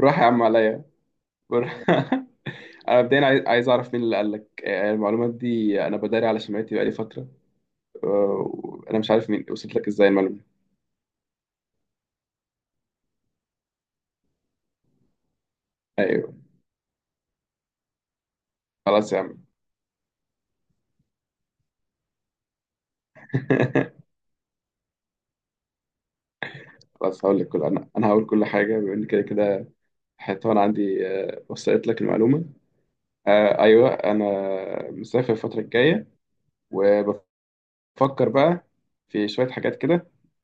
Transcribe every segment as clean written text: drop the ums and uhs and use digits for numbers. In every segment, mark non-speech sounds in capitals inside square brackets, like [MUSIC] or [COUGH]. روح يا عم عليا روح. [LAUGHS] انا مبدئيا عايز اعرف مين اللي قال لك المعلومات دي. انا بداري على سمعتي بقالي فتره، وانا مش عارف مين وصلت لك ازاي المعلومه. ايوه، خلاص يا عم. [LAUGHS] خلاص هقول لك كل، انا هقول كل حاجه بما ان كده كده حيطان عندي. وصلت لك المعلومه. ايوه، انا مسافر الفتره الجايه، وبفكر بقى في شويه حاجات كده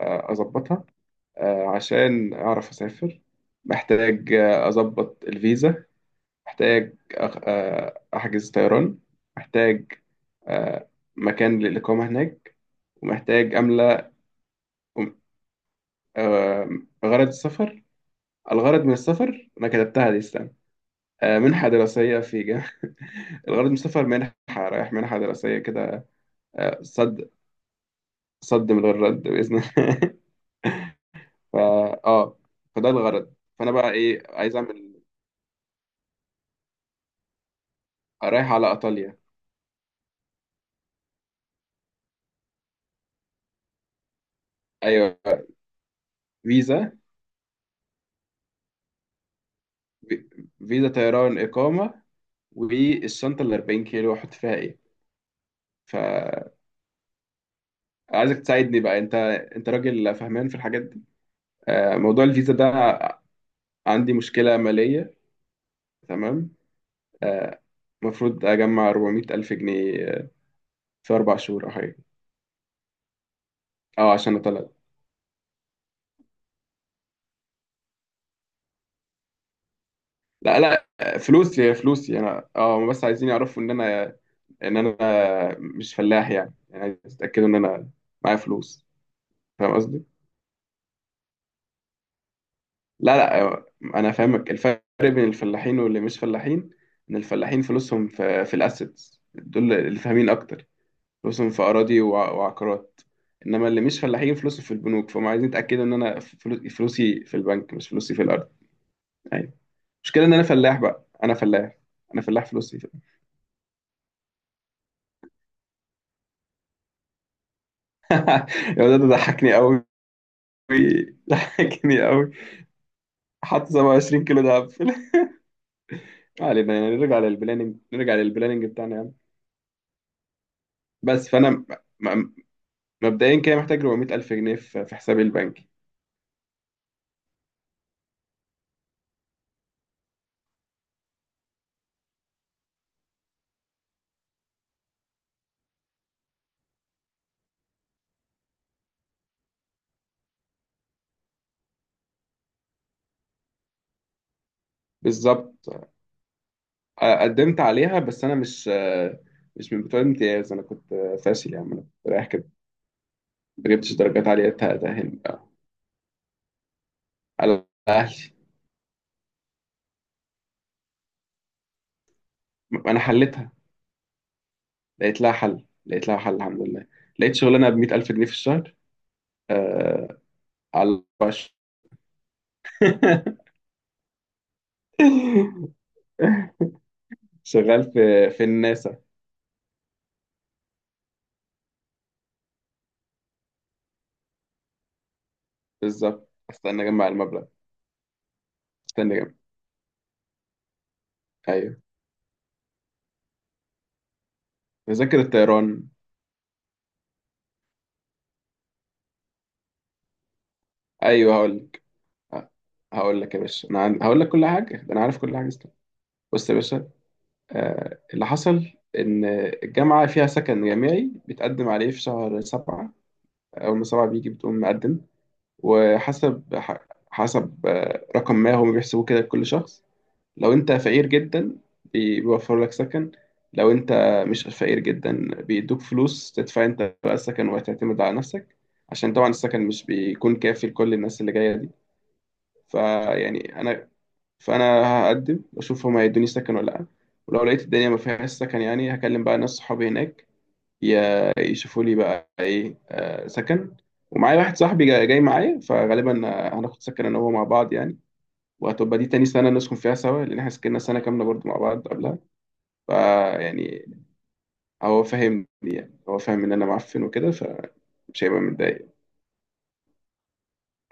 اظبطها، عشان اعرف اسافر. محتاج اظبط الفيزا، محتاج أخ... آه، أحجز طيران، محتاج آه، مكان للإقامة هناك، ومحتاج أملأ آه، غرض السفر. الغرض من السفر أنا كتبتها دي، استنى. منحة دراسية في جامعة. [LAUGHS] الغرض من السفر منحة، رايح منحة دراسية كده. صد، صد من غير رد بإذن الله. [LAUGHS] فا آه فده الغرض. فأنا بقى إيه عايز أعمل؟ رايح على إيطاليا. أيوه، فيزا، فيزا طيران إقامة، والشنطه ال 40 كيلو احط فيها ايه؟ فعايزك تساعدني بقى انت، انت راجل فهمان في الحاجات دي. موضوع الفيزا ده، عندي مشكله ماليه. تمام، آه، المفروض اجمع 400 الف جنيه في اربع شهور او حاجه. اه، عشان اطلع. لا لا، فلوسي فلوسي انا. اه، هم بس عايزين يعرفوا ان انا، ان انا مش فلاح يعني. يعني عايز يتاكدوا ان انا معايا فلوس. فاهم قصدي؟ لا لا، انا فاهمك الفرق بين الفلاحين واللي مش فلاحين. ان الفلاحين فلوسهم في الاسيتس دول اللي فاهمين اكتر. فلوسهم في اراضي وعقارات. انما اللي مش فلاحين فلوسه في البنوك، فهم عايزين يتاكدوا ان انا فلوسي في البنك، مش فلوسي في الارض. ايوه. المشكله ان انا فلاح بقى، انا فلاح. انا فلاح فلوسي في... [LAUGHS] يا ده ضحكني قوي. ضحكني قوي. حط 27 كيلو دهب في ال-. [LAUGHS] ما علينا يعني، نرجع للبلاننج، نرجع للبلاننج بتاعنا يا عم. فانا مبدئيا كده محتاج 400 ألف جنيه في حسابي البنكي. بالظبط. قدمت عليها بس أنا مش، مش من بتوع الامتياز. أنا كنت فاشل يا عم، أنا كنت رايح كده، ما جبتش درجات عالية تأهلني على أهلي. أنا حلتها، لقيت لها حل، لقيت لها حل الحمد لله. لقيت شغلانة ب 100 ألف جنيه في الشهر، آه، على الأربع شهور. [LAUGHS] شغال في الناسا. بالظبط، استنى أجمع المبلغ، استنى أجمع. أيوه، تذاكر الطيران. أيوه هقول، ه- هقول لك يا باشا. انا هقول لك كل حاجه، ده انا عارف كل حاجه، استنى. بص يا باشا، آه اللي حصل ان الجامعه فيها سكن جامعي بيتقدم عليه في شهر سبعة. اول ما سبعة بيجي، بتقوم مقدم، وحسب حسب رقم ما هم بيحسبوه كده لكل شخص. لو انت فقير جدا، بيوفروا لك سكن. لو انت مش فقير جدا، بيدوك فلوس تدفع انت بقى السكن وتعتمد على نفسك، عشان طبعا السكن مش بيكون كافي لكل الناس اللي جايه دي. فيعني انا، فانا هقدم واشوف هما هيدوني سكن ولا لا. ولو لقيت الدنيا ما فيهاش سكن يعني، هكلم بقى ناس صحابي هناك يشوفوا لي بقى ايه سكن. ومعايا واحد صاحبي جاي معايا، فغالبا هناخد سكن انا وهو مع بعض يعني. وهتبقى دي تاني سنة نسكن فيها سوا، لأن احنا سكننا سنة كاملة برضو مع بعض قبلها. فيعني هو فاهمني، يعني هو فاهم إن أنا معفن وكده، فمش هيبقى متضايق.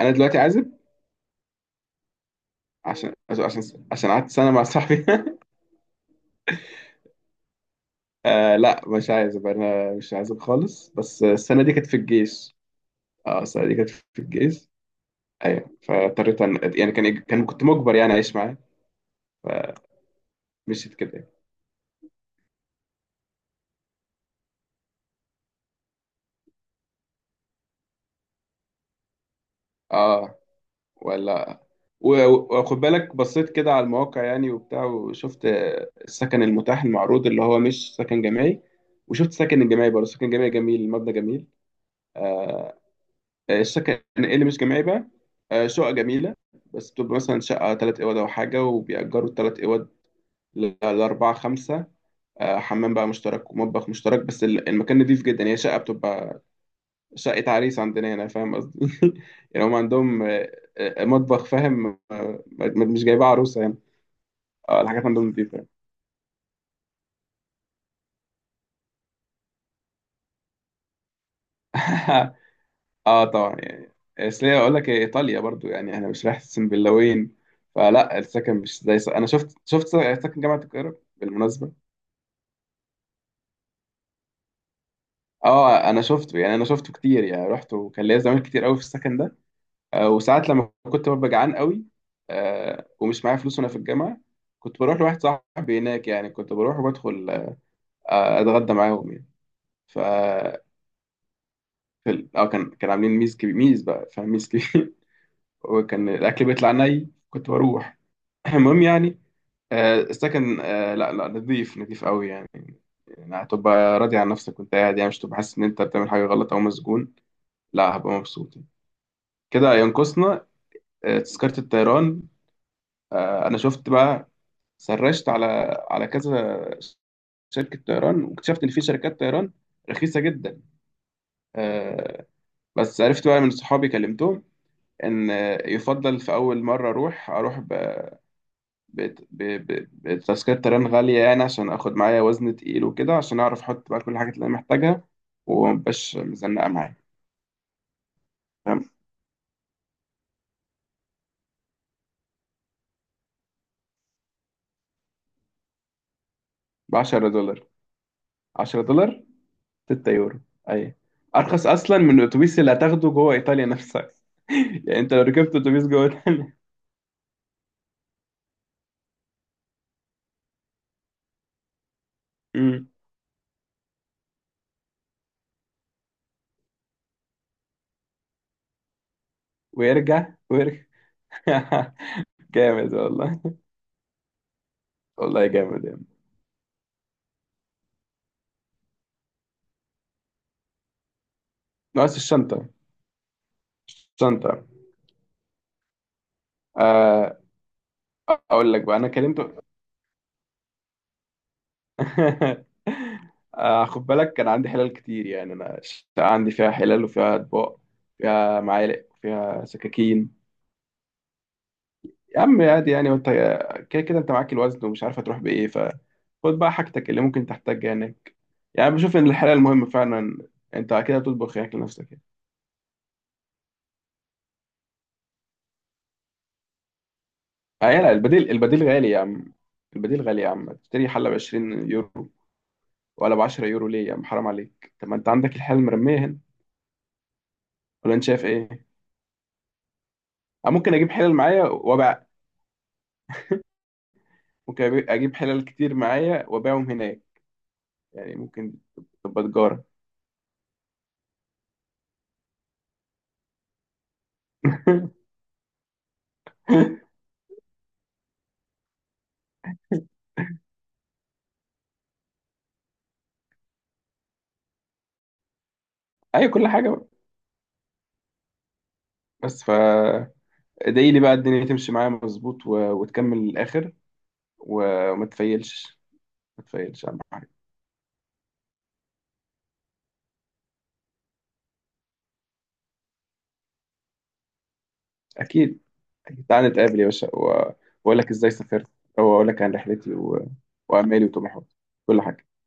أنا دلوقتي عازب عشان، عشان قعدت سنة مع صاحبي. [LAUGHS] آه لا مش عايز ابقى، انا مش عايز خالص، بس السنه دي كانت في الجيش. اه السنه دي كانت في الجيش. ايوه، فاضطريت يعني كان كنت مجبر يعني اعيش معاه. مشيت كده يعني. اه، ولا وخد بالك، بصيت كده على المواقع يعني وبتاع، وشفت السكن المتاح المعروض اللي هو مش سكن جامعي، وشفت سكن الجامعي برضه. سكن جامعي جميل، المبنى جميل. السكن إيه اللي مش جامعي بقى، شقق جميلة. بس بتبقى مثلا شقة تلات أوض أو حاجة، وبيأجروا التلات أوض لأربعة خمسة. حمام بقى مشترك ومطبخ مشترك، بس المكان نضيف جدا. هي شقة بتبقى شقة عريس عندنا هنا، فاهم قصدي؟ [LAUGHS] يعني هم عندهم مطبخ، فاهم؟ مش جايبها عروسة يعني. اه الحاجات عندهم نضيفة. [LAUGHS] اه طبعا يعني، اصل هي اقول لك، هي ايطاليا برضو، يعني احنا مش رايح سنبلاوين. فلا، السكن مش زي انا شفت، شفت سكن جامعة القاهرة بالمناسبة. اه انا شفته يعني، انا شفته كتير يعني، رحت وكان ليا زمان كتير قوي في السكن ده. وساعات لما كنت ببقى جعان قوي، ومش معايا فلوس وانا في الجامعه، كنت بروح لواحد صاحبي هناك يعني، كنت بروح وبدخل اتغدى معاهم يعني. ف في ال-، اه كان عاملين ميز كبير، ميز بقى فاهم، ميز كبير. [LAUGHS] وكان الاكل بيطلع ني، كنت بروح. [LAUGHS] المهم يعني، السكن لا لا، نظيف نظيف قوي يعني. يعني هتبقى راضي عن نفسك وانت قاعد، يعني مش هتبقى حاسس ان انت بتعمل حاجه غلط او مسجون. لا هبقى مبسوط يعني. كده ينقصنا تذكره الطيران. انا شفت بقى، سرشت على، على كذا شركة طيران، واكتشفت إن في شركات طيران رخيصة جدا. آه، بس عرفت بقى من صحابي كلمتهم إن يفضل في أول مرة أروح، أروح بتذكرة طيران غالية، يعني عشان آخد معايا وزن تقيل وكده، عشان أعرف أحط بقى كل الحاجات اللي أنا محتاجها ومبقاش مزنقة معايا، فاهم؟ ب 10 دولار، 10 دولار، 6 يورو. أي، أرخص أصلا من الأتوبيس اللي هتاخده جوه إيطاليا نفسها. [LAUGHS] يعني أنت لو ركبت أتوبيس جوه إيطاليا. [LAUGHS] مم. ويرجع ويرجع. [LAUGHS] جامد والله. والله جامد يعني. ناقص الشنطة. الشنطة، آه، أقول لك بقى، أنا كلمته. [LAUGHS] خد بالك كان عندي حلال كتير يعني، أنا الشقة عندي فيها حلال وفيها أطباق، فيها معالق وفيها سكاكين. يا عم عادي يعني، وأنت كده كده أنت معاك الوزن ومش عارف هتروح بإيه، فخد بقى حاجتك اللي ممكن تحتاجها هناك. يعني بشوف إن الحلال مهم فعلا. أنت كده بتطبخ هناك لنفسك. آه لا، البديل، البديل غالي يا عم. البديل غالي يا عم، تشتري حلة ب 20 يورو ولا ب 10 يورو، ليه يا عم حرام عليك؟ طب ما انت عندك الحلة المرمية هنا، ولا انت شايف ايه؟ آه ممكن اجيب حلل معايا وابيع. ممكن اجيب حلل كتير معايا وابيعهم هناك، يعني ممكن تبقى تجارة. [LAUGHS] اي، كل حاجة بقى. بس ف ادعي لي بقى الدنيا تمشي معايا مظبوط وتكمل للاخر، وما تفيلش، ما تفيلش اهم حاجة. اكيد، تعالى نتقابل يا باشا واقول لك ازاي سافرت، واقول لك عن رحلتي وامالي وطموحاتي، كل حاجه.